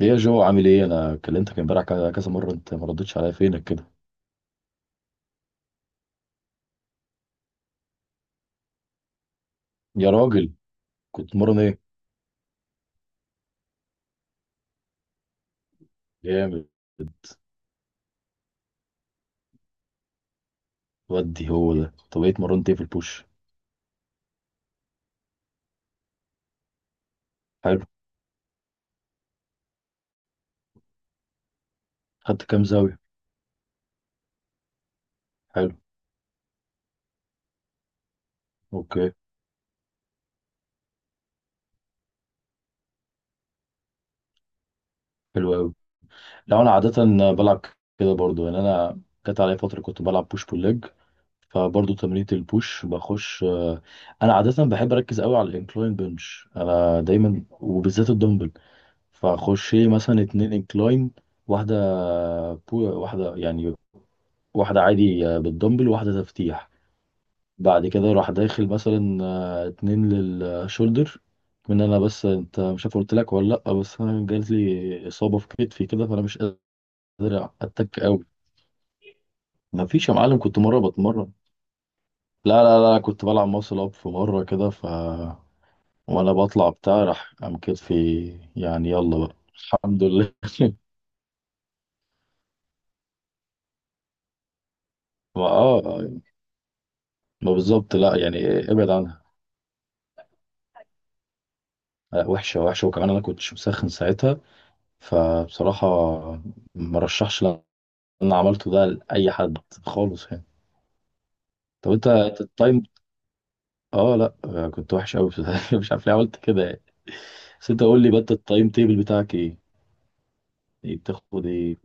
ليه يا جو؟ عامل ايه؟ انا كلمتك امبارح كذا كذا مره، انت ما ردتش عليا؟ فينك كده يا راجل؟ كنت مرن ايه؟ جامد. ودي هو ده. طب ايه اتمرنت، ايه في البوش؟ حلو. خدت كام زاويه؟ حلو. اوكي. حلو قوي. لا انا عاده بلعب كده برضو يعني. انا جت عليا فتره كنت بلعب بوش بول ليج، فبرضو تمرينة البوش بخش انا عاده بحب اركز قوي على الانكلاين بنش، انا دايما وبالذات الدمبل. فاخش إيه مثلا اتنين انكلاين، واحده بو واحده يعني، واحدة عادي بالدمبل وواحدة تفتيح. بعد كده راح داخل مثلا اتنين للشولدر. من انا بس، انت مش عارف قلت لك ولا لا، بس انا جاتلي اصابة في كتفي كده فانا مش قادر اتك قوي. ما فيش يا معلم، كنت مرة بتمرن. لا لا لا، كنت بلعب ماسل اب في مرة كده ف، وانا بطلع بتاع راح قام كتفي. يعني يلا بقى الحمد لله. ما اه. ما بالظبط لا يعني. ابعد عنها. وحشة وحشة، وكمان انا كنتش مسخن ساعتها، فبصراحة مرشحش اللي انا عملته ده لأي حد خالص يعني. طب انت أنت التايم. اه لا كنت وحش قوي. مش عارف ليه عملت كده يعني. بس انت قول لي بقى، أنت التايم تيبل بتاعك ايه؟ ايه بتاخد ايه؟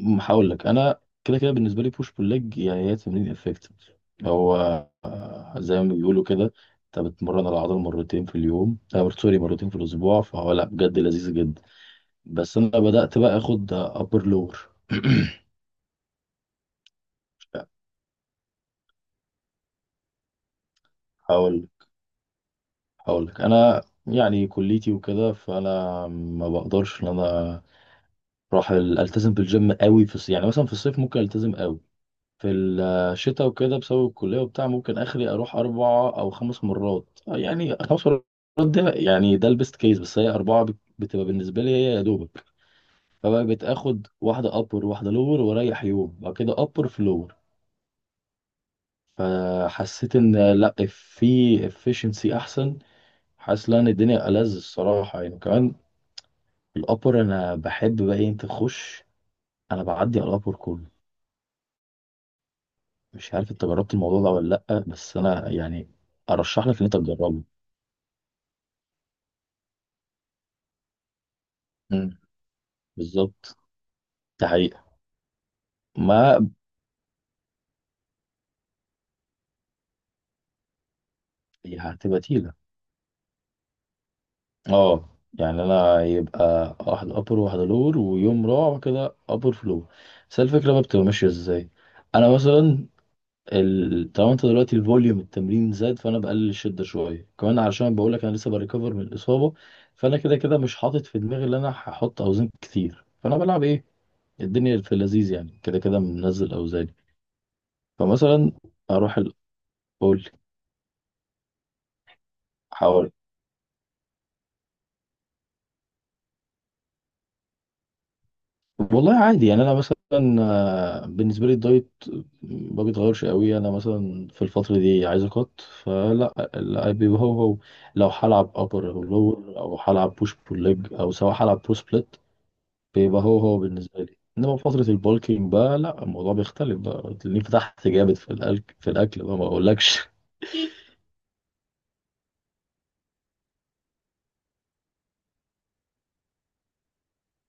هقول لك انا كده كده، بالنسبة لي بوش بول ليج يعني هي تمرين افكتيف. هو زي ما بيقولوا كده، انت بتمرن العضله مرتين في اليوم، سوري، مرتين في الاسبوع، فهو لا بجد لذيذ جدا. بس انا بدأت بقى اخد ابر لور. هقول هقول لك انا، يعني كليتي وكده، فانا ما بقدرش ان انا اروح التزم بالجيم قوي في الصيف. يعني مثلا في الصيف ممكن التزم قوي، في الشتاء وكده بسبب الكليه وبتاع ممكن اخري اروح اربع او خمس مرات، يعني خمس مرات. ده يعني ده البيست كيس، بس هي اربعه بت- بتبقى بالنسبه لي هي يا دوبك. فبقى بتاخد واحده ابر، واحده لور، واريح يوم، بعد كده ابر في لور. فحسيت ان لا في efficiency احسن، حاسس ان الدنيا ألذ الصراحه يعني كمان. الأبر أنا بحب بقى أنت تخش، أنا بعدي على الأبر كله. مش عارف أنت جربت الموضوع ده ولا لأ، بس أنا يعني أرشح لك إن أنت تجربه. امم. بالظبط. ده حقيقة. ما هي هتبقى تقيلة. أه. يعني أنا يبقى واحد أبر وواحد لور، ويوم رابع كده أبر فلور. بس الفكرة بقى بتبقى ماشية إزاي. أنا مثلا ال-، طالما انت دلوقتي الفوليوم التمرين زاد، فانا بقلل الشده شويه كمان، علشان بقول لك انا لسه بريكفر من الاصابه. فانا كده كده مش حاطط في دماغي ان انا هحط اوزان كتير، فانا بلعب ايه، الدنيا في اللذيذ يعني، كده كده منزل اوزاني. فمثلا اروح ال-، اقول حوالي. والله عادي يعني، انا مثلا بالنسبه لي الدايت ما بيتغيرش قوي. انا مثلا في الفتره دي عايز اقط فلا لا، بيبقى هو هو. لو هلعب ابر او لور، او هلعب بوش بول ليج، او سواء هلعب برو سبليت، بيبقى هو هو بالنسبة لي. انما في فترة البولكينج بقى لا، الموضوع بيختلف بقى، تلاقيني فتحت جامد في الاكل بقى ما اقولكش.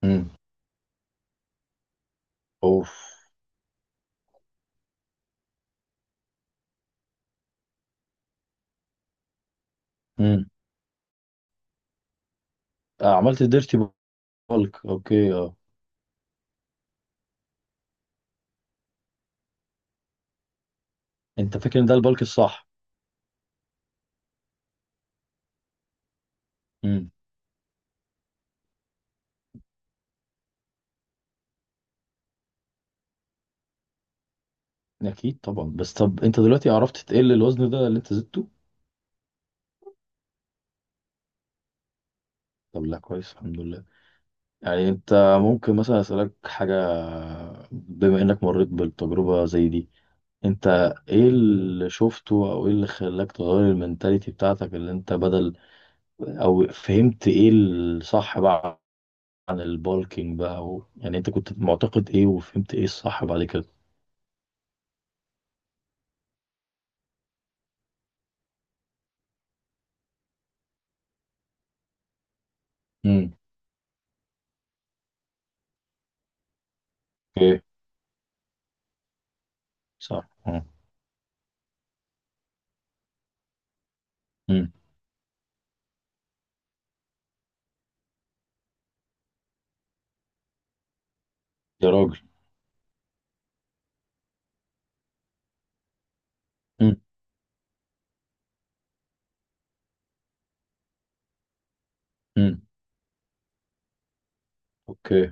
امم. اوف. امم. آه عملت ديرتي بولك اوكي اه. انت فاكر ان ده البولك الصح؟ امم. اكيد طبعا، بس طب انت دلوقتي عرفت تقل الوزن ده اللي انت زدته؟ طب لا كويس الحمد لله. يعني انت ممكن مثلا اسالك حاجة؟ بما انك مريت بالتجربة زي دي، انت ايه اللي شفته، او ايه اللي خلاك تغير المنتاليتي بتاعتك اللي انت بدل، او فهمت ايه الصح بقى عن البالكينج بقى و...، يعني انت كنت معتقد ايه وفهمت ايه الصح بعد كده؟ امم. اوكي. صح. امم. أمم. يا راجل. امم. امم. اوكي.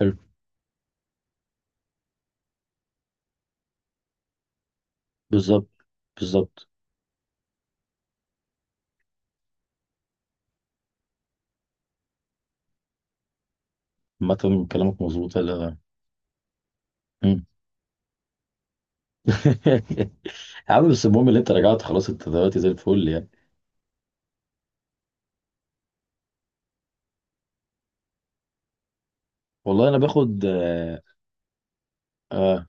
حلو. بالظبط. بالظبط. عامة كلامك مظبوط يا جدع. امم. يا عم بس المهم اللي انت رجعت خلاص، انت دلوقتي زي الفل يعني. والله انا باخد آه،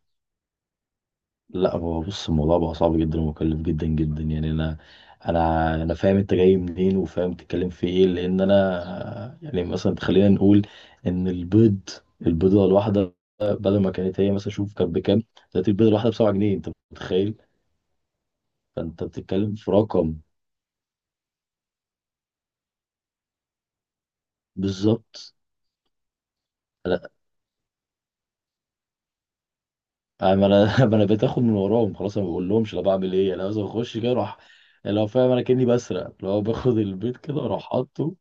لا هو بص، الموضوع بقى صعب جدا ومكلف جدا جدا يعني. انا فاهم انت جاي منين وفاهم تتكلم في ايه، لان انا يعني مثلا خلينا نقول ان البيض، البيضه الواحده بدل ما كانت هي مثلا، شوف كانت بكام، دلوقتي البيضه الواحده ب 7 جنيه، انت متخيل؟ فانت بتتكلم في رقم. بالظبط. لا انا ما أنا بقيت اخد من وراهم خلاص، انا ما بقول لهمش انا بعمل ايه، انا لازم اخش كده اروح لو فاهم، انا كاني بسرق لو باخد البيض كده اروح حاطه.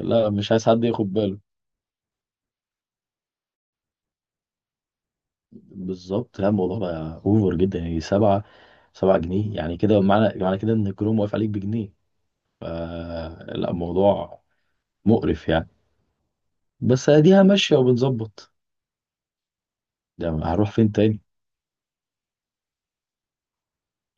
لا مش عايز حد ياخد باله. بالظبط. لا الموضوع بقى اوفر جدا يعني، سبعة، سبعة جنيه يعني كده، معنى كده ان الكروم واقف عليك بجنيه. فلا الموضوع مقرف يعني، بس اديها ماشية وبنظبط، ده هنروح فين تاني؟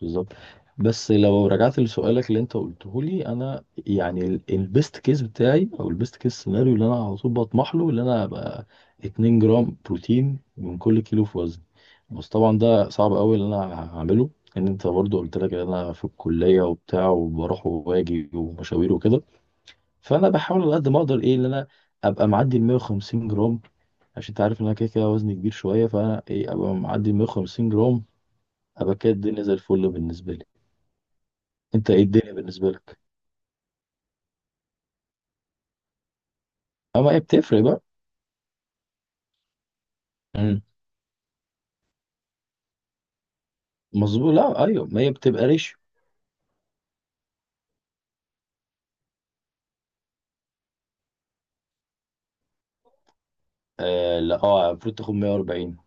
بالظبط. بس لو رجعت لسؤالك اللي انت قلته لي، انا يعني البيست كيس بتاعي، او البيست كيس سيناريو اللي انا على طول بطمح له، اللي انا ابقى 2 جرام بروتين من كل كيلو في وزني. بس طبعا ده صعب قوي اللي انا هعمله، ان انت برضو قلت لك ان انا في الكليه وبتاع، وبروح وباجي ومشاوير وكده. فانا بحاول على قد ما اقدر ايه، ان انا ابقى معدي ال 150 جرام، عشان انت عارف ان انا كده كده وزني كبير شويه، فانا ايه ابقى معدي ال 150 جرام، ابقى كده الدنيا زي الفل بالنسبه لي. انت ايه الدنيا بالنسبه لك؟ اه ما هي بتفرق بقى. امم. مظبوط. لا ايوه ما هي بتبقى ريش. آه لا اه المفروض تاخد 140.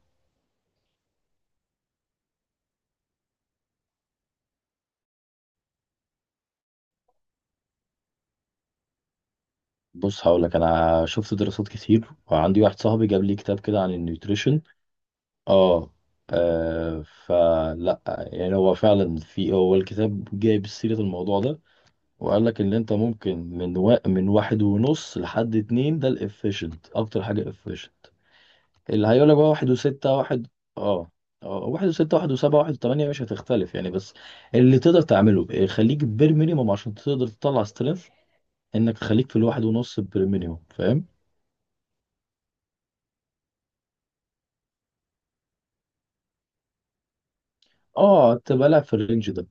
بص هقول لك، انا شفت دراسات كتير، وعندي واحد صاحبي جاب لي كتاب كده عن النيوتريشن. اه. فلا يعني هو فعلا في، هو الكتاب جايب سيرة الموضوع ده، وقال لك ان انت ممكن من و...، من واحد ونص لحد اتنين، ده الافيشنت اكتر حاجة efficient. اللي هيقول لك بقى واحد وستة واحد. اه. اه، واحد وستة، واحد وسبعة، واحد وثمانية، مش هتختلف يعني، بس اللي تقدر تعمله خليك بير مينيموم عشان تقدر تطلع سترينث، انك خليك في الواحد ونص بير مينيموم فاهم. اه تبقى لاعب في الرينج ده.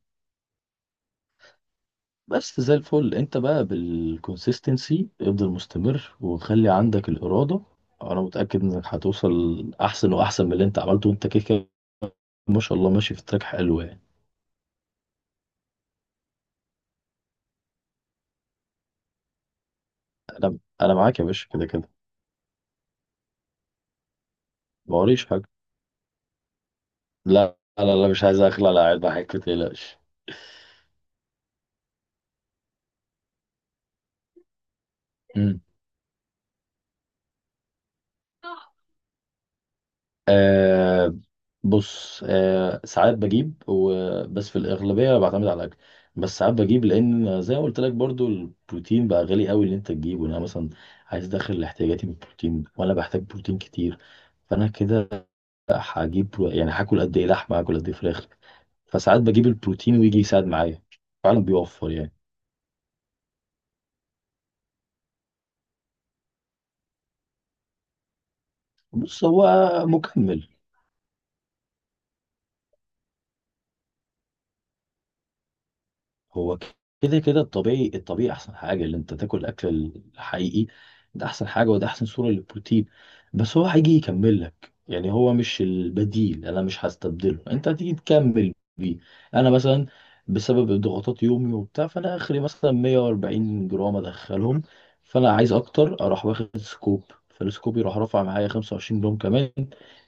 بس زي الفل، انت بقى بالكونسيستنسي افضل، مستمر، وخلي عندك الإرادة. انا متأكد انك هتوصل احسن واحسن من اللي انت عملته، وانت كده كده ما شاء الله ماشي في تراك حلو يعني. انا معاك يا باشا كده كده. ما وريش حاجة. لا لا لا، مش عايز اخلع، لا قاعد بحكي متقلقش. مم. آه. بص آه ساعات بجيب و...، بس في الأغلبية بعتمد على الأكل. بس ساعات بجيب، لأن زي ما قلت لك برضو، البروتين بقى غالي قوي إن أنت تجيبه. يعني أنا مثلا عايز أدخل احتياجاتي من البروتين، وأنا بحتاج بروتين كتير، فأنا كده هجيب برو-، يعني هاكل قد إيه لحمة، هاكل قد إيه فراخ، فساعات بجيب البروتين ويجي يساعد معايا، فعلا بيوفر يعني. بص هو مكمل. هو كده كده الطبيعي، احسن حاجه اللي انت تاكل الاكل الحقيقي، ده احسن حاجه، وده احسن صوره للبروتين. بس هو هيجي يكمل لك يعني، هو مش البديل، انا مش هستبدله، انت هتيجي تكمل بيه. انا مثلا بسبب ضغوطات يومي وبتاع، فانا اخري مثلا 140 جرام ادخلهم، فانا عايز اكتر، اروح واخد سكوب، فالسكوب يروح رافع معايا 25 جرام كمان،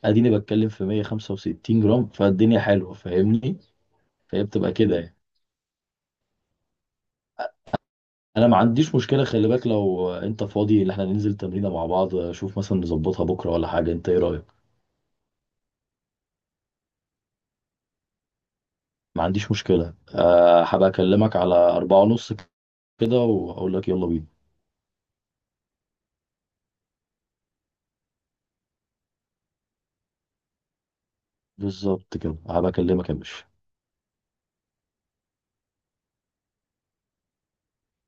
اديني بتكلم في 165 جرام، فالدنيا حلوه فاهمني؟ فهي بتبقى كده يعني. انا ما عنديش مشكله، خلي بالك لو انت فاضي ان احنا ننزل تمرينه مع بعض، شوف مثلا نظبطها بكره ولا حاجه، انت ايه رايك؟ ما عنديش مشكله أه، هبقى اكلمك على 4:30 كده واقول لك يلا بينا. بالظبط، كده هبقى اكلمك يا باشا.